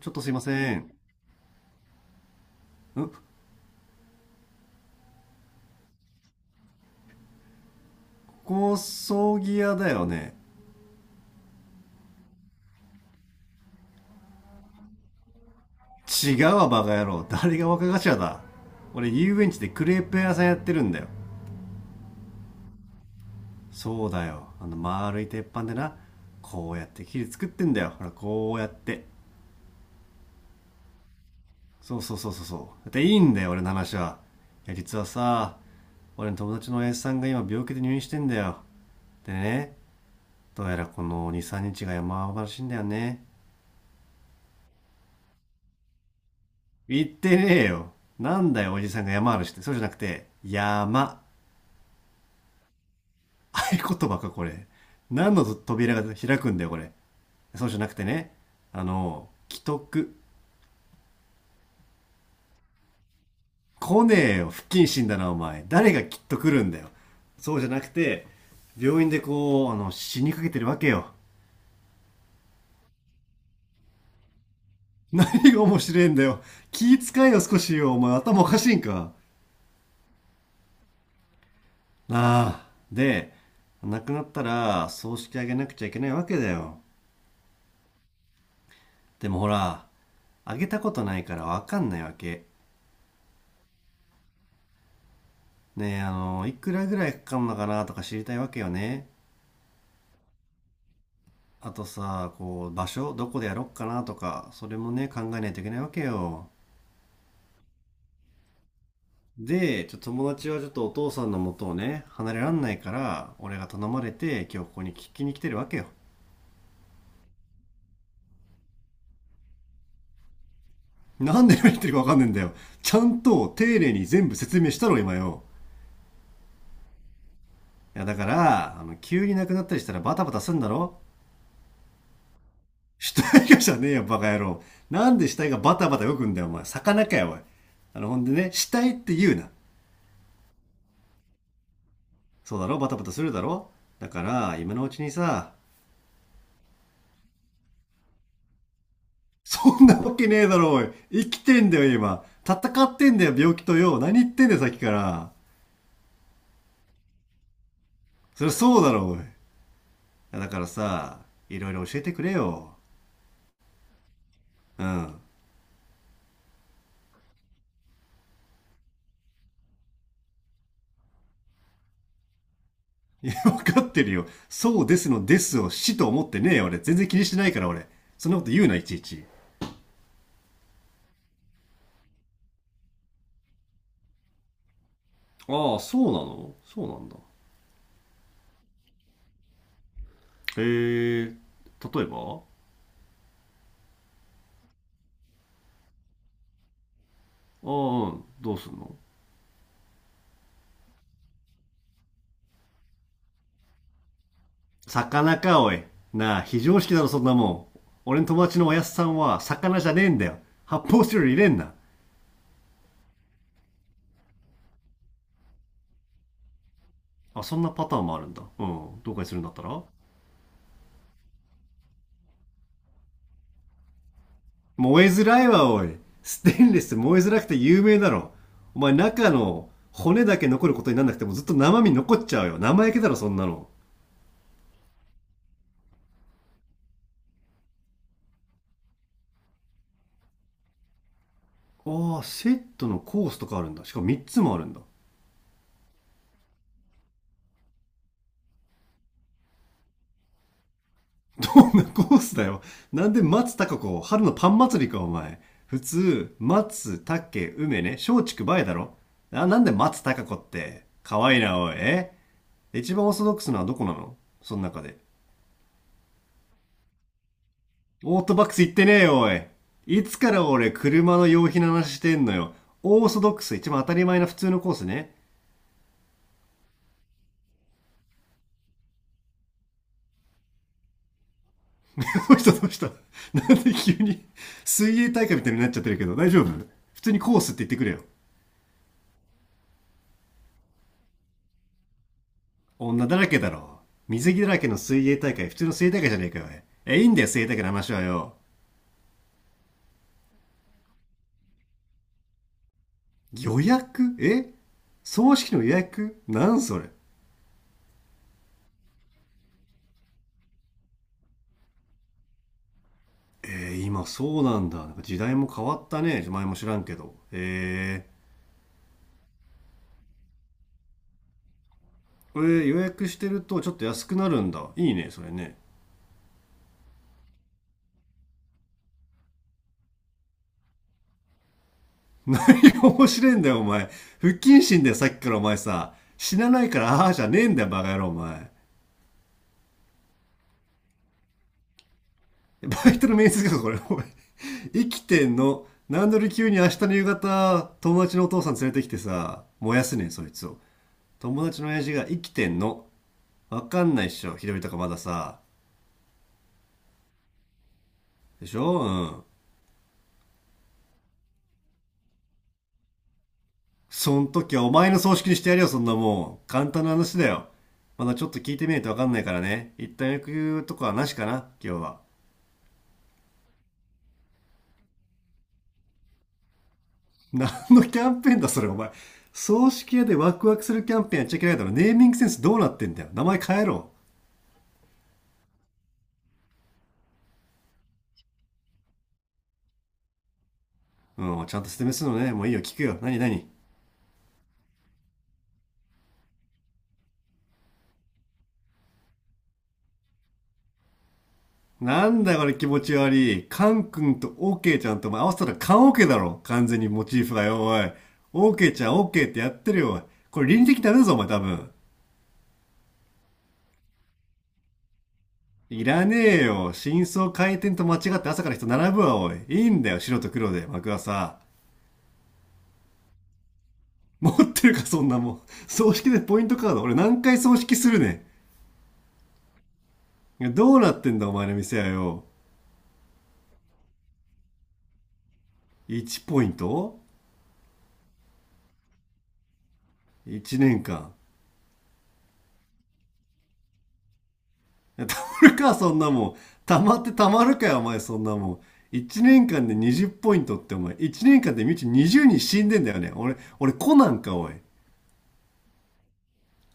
ちょっとすいません。ん高葬儀屋だよね？違うわ、バカ野郎。誰が若頭だ。俺、遊園地でクレープ屋さんやってるんだよ。そうだよ。丸い鉄板でな、こうやって切り作ってんだよ。ほら、こうやって。そうそうそうそうそう。だっていいんだよ、俺の話は。いや、実はさ、俺の友達の S さんが今病気で入院してんだよ。でね、どうやらこの2、3日が山場らしいんだよね。言ってねえよ。なんだよ、おじさんが山嵐って。そうじゃなくて、山。合言葉か、これ。何の扉が開くんだよ、これ。そうじゃなくてね。既得。来ねえよ、不謹慎だな、お前。誰がきっと来るんだよ。そうじゃなくて、病院でこう、死にかけてるわけよ。何が面白いんだよ。気遣いよ、少しよ。お前、頭おかしいんか。なあ。で、亡くなったら、葬式あげなくちゃいけないわけだよ。でもほら、あげたことないからわかんないわけ。ねえ、いくらぐらいかかるのかなとか知りたいわけよね。あとさ、こう、場所、どこでやろっかなとか、それもね、考えないといけないわけよ。で、ちょっと友達はちょっとお父さんの元をね、離れらんないから、俺が頼まれて、今日ここに聞きに来てるわけよ。なんで何言ってるかわかんねえんだよ。ちゃんと丁寧に全部説明したろ、今よ。いや、だから、急になくなったりしたらバタバタすんだろ。死体がじゃねえよ、バカ野郎。なんで死体がバタバタ動くんだよ、お前。魚かよ、おい。ほんでね、死体って言うな。そうだろ、バタバタするだろ。だから、今のうちにさ。そんなわけねえだろ、おい。生きてんだよ、今。戦ってんだよ、病気とよ。何言ってんだよ、さっきから。そりゃそうだろ、おい。だからさ、いろいろ教えてくれよ。うん。わかってるよ。そうですのですを死と思ってねえよ、俺。全然気にしてないから、俺。そんなこと言うな、いちいち。ああ、そうなの、そうなんだ。へえ、例えばうん、どうすんの？魚か、おい。なあ、非常識だろ、そんなもん。俺の友達のおやすさんは、魚じゃねえんだよ。発泡スチロール入れんな。あ、そんなパターンもあるんだ。うん、どうかにするんだったら？燃えづらいわ、おい。ステンレス燃えづらくて有名だろ。お前、中の骨だけ残ることになんなくてもずっと生身残っちゃうよ。生焼けだろ、そんなの。ああ、セットのコースとかあるんだ。しかも3つもあるんだ。どんなコースだよ。なんで松たか子春のパン祭りか、お前。普通、松、竹、梅ね、松竹梅だろ。あ、なんで松たか子って。可愛いいな、おい。一番オーソドックスなのはどこなの？その中で。オートバックス行ってねえよ、おい。いつから俺、車の用品の話してんのよ。オーソドックス、一番当たり前な普通のコースね。どうしたどうした。 なんで急に、水泳大会みたいになっちゃってるけど、大丈夫？普通にコースって言ってくれよ。女だらけだろ。水着だらけの水泳大会、普通の水泳大会じゃねえかよ。え、いいんだよ、水泳大会の話はよ。予約？え、葬式の予約なんそれ？今そうなんだ。なんか時代も変わったね。前も知らんけど。ー、え予約してるとちょっと安くなるんだ。いいね、それね。いや、面白いんだよ、お前。不謹慎だよ、さっきからお前さ。死なないから、ああじゃねえんだよ、バカ野郎、お前。バイトの面接か、これ、おい。生きてんの？なんで俺急に明日の夕方、友達のお父さん連れてきてさ、燃やすねん、そいつを。友達の親父が生きてんの。わかんないっしょ、ひどいとかまださ。でしょう。ん。そん時はお前の葬式にしてやるよ、そんなもん。簡単な話だよ。まだちょっと聞いてみないとわかんないからね。一旦役くとかはなしかな、今日は。何のキャンペーンだ、それ、お前。葬式屋でワクワクするキャンペーンやっちゃいけないだろ。ネーミングセンスどうなってんだよ。名前変えろ。うん、ちゃんと説明するのね。もういいよ、聞くよ。何何？なんだこれ、気持ち悪い。カン君とオーケーちゃんとお前合わせたらカンオーケーだろ。完全にモチーフがよ、おい。オーケーちゃんオーケーってやってるよ、おい。これ倫理的ダメだぞ、お前多分。いらねえよ。真相回転と間違って朝から人並ぶわ、おい。いいんだよ、白と黒で、幕はさ。持ってるか、そんなもん。葬式でポイントカード。俺何回葬式するねん。どうなってんだ、お前の店はよ。1ポイント？ 1 年間？たまるか、そんなもん。たまってたまるかよ、お前、そんなもん。1年間で20ポイントって、お前。1年間でみち20人死んでんだよね。俺、コナンか、おい。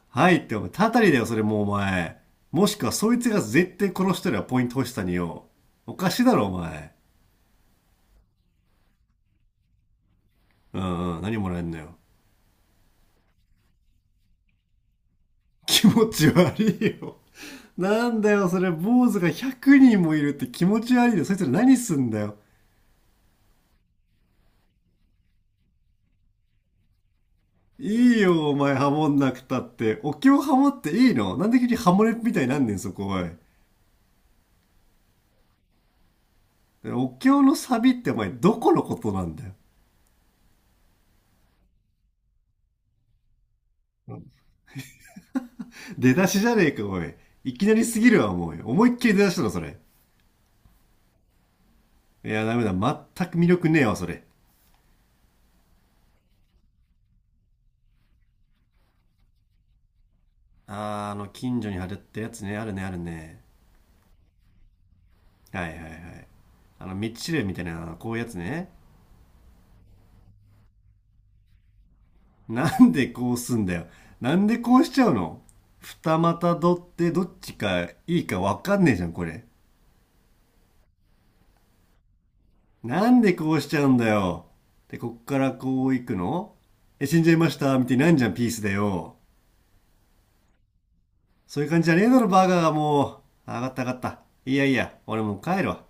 はいって、お前、たたりだよ、それもう、お前。もしくは、そいつが絶対殺してるわ、ポイント欲しさによ。おかしいだろ、お前。うんうん、何もらえんのよ。気持ち悪いよ。なんだよ、それ、坊主が100人もいるって気持ち悪いよ。そいつら何すんだよ。いいよ、お前、ハモんなくたって。お経ハモっていいの？なんで急にハモれみたいになんねん、そこ、おい。お経のサビってお前、どこのことなんだよ。出だしじゃねえか、おい。いきなりすぎるわ、もう。思いっきり出だしたの、それ。いや、ダメだ。全く魅力ねえわ、それ。あー、近所に貼るってやつね。あるね、あるね。はいはいはい。道知れみたいな、こういうやつね。なんでこうすんだよ。なんでこうしちゃうの？二股取ってどっちかいいかわかんねえじゃん、これ。なんでこうしちゃうんだよ。で、こっからこう行くの？え、死んじゃいましたみたいになんじゃん、ピースだよ。そういう感じじゃねえだろ、バーガーがもう。上がった上がった。いやいや、俺もう帰るわ。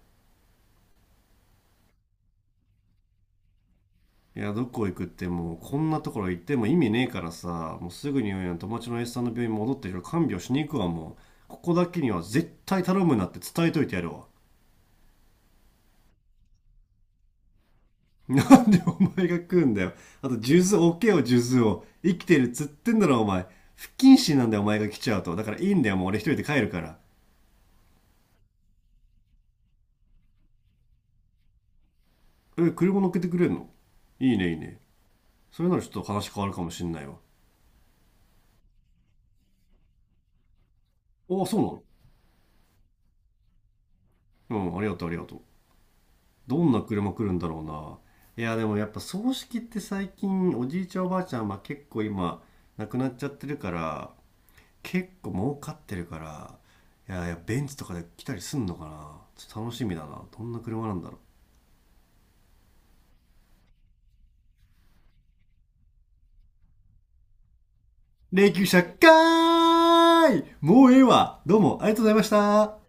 いや、どこ行くってもう、こんなところ行っても意味ねえからさ、もうすぐに友達の S さんの病院戻って、いろいろ看病しに行くわ、もう。ここだけには絶対頼むなって伝えといてやるわ。なんでお前が食うんだよ。あと、数珠置けよ、数珠を。生きてるっつってんだろ、お前。不謹慎なんだよ、お前が来ちゃうと。だからいいんだよ、もう俺一人で帰るから。え、車乗っけてくれんの？いいね、いいね。それならちょっと話変わるかもしんないわ。ああ、そうなの。うん、ありがとう、ありがとう。どんな車来るんだろうな。いや、でもやっぱ葬式って最近、おじいちゃんおばあちゃん、まあ結構今、亡くなっちゃってるから、結構儲かってるから、いやいや、ベンツとかで来たりすんのかな。ちょっと楽しみだな。どんな車なんだろう。霊柩車かーい、もうええわ、どうもありがとうございました。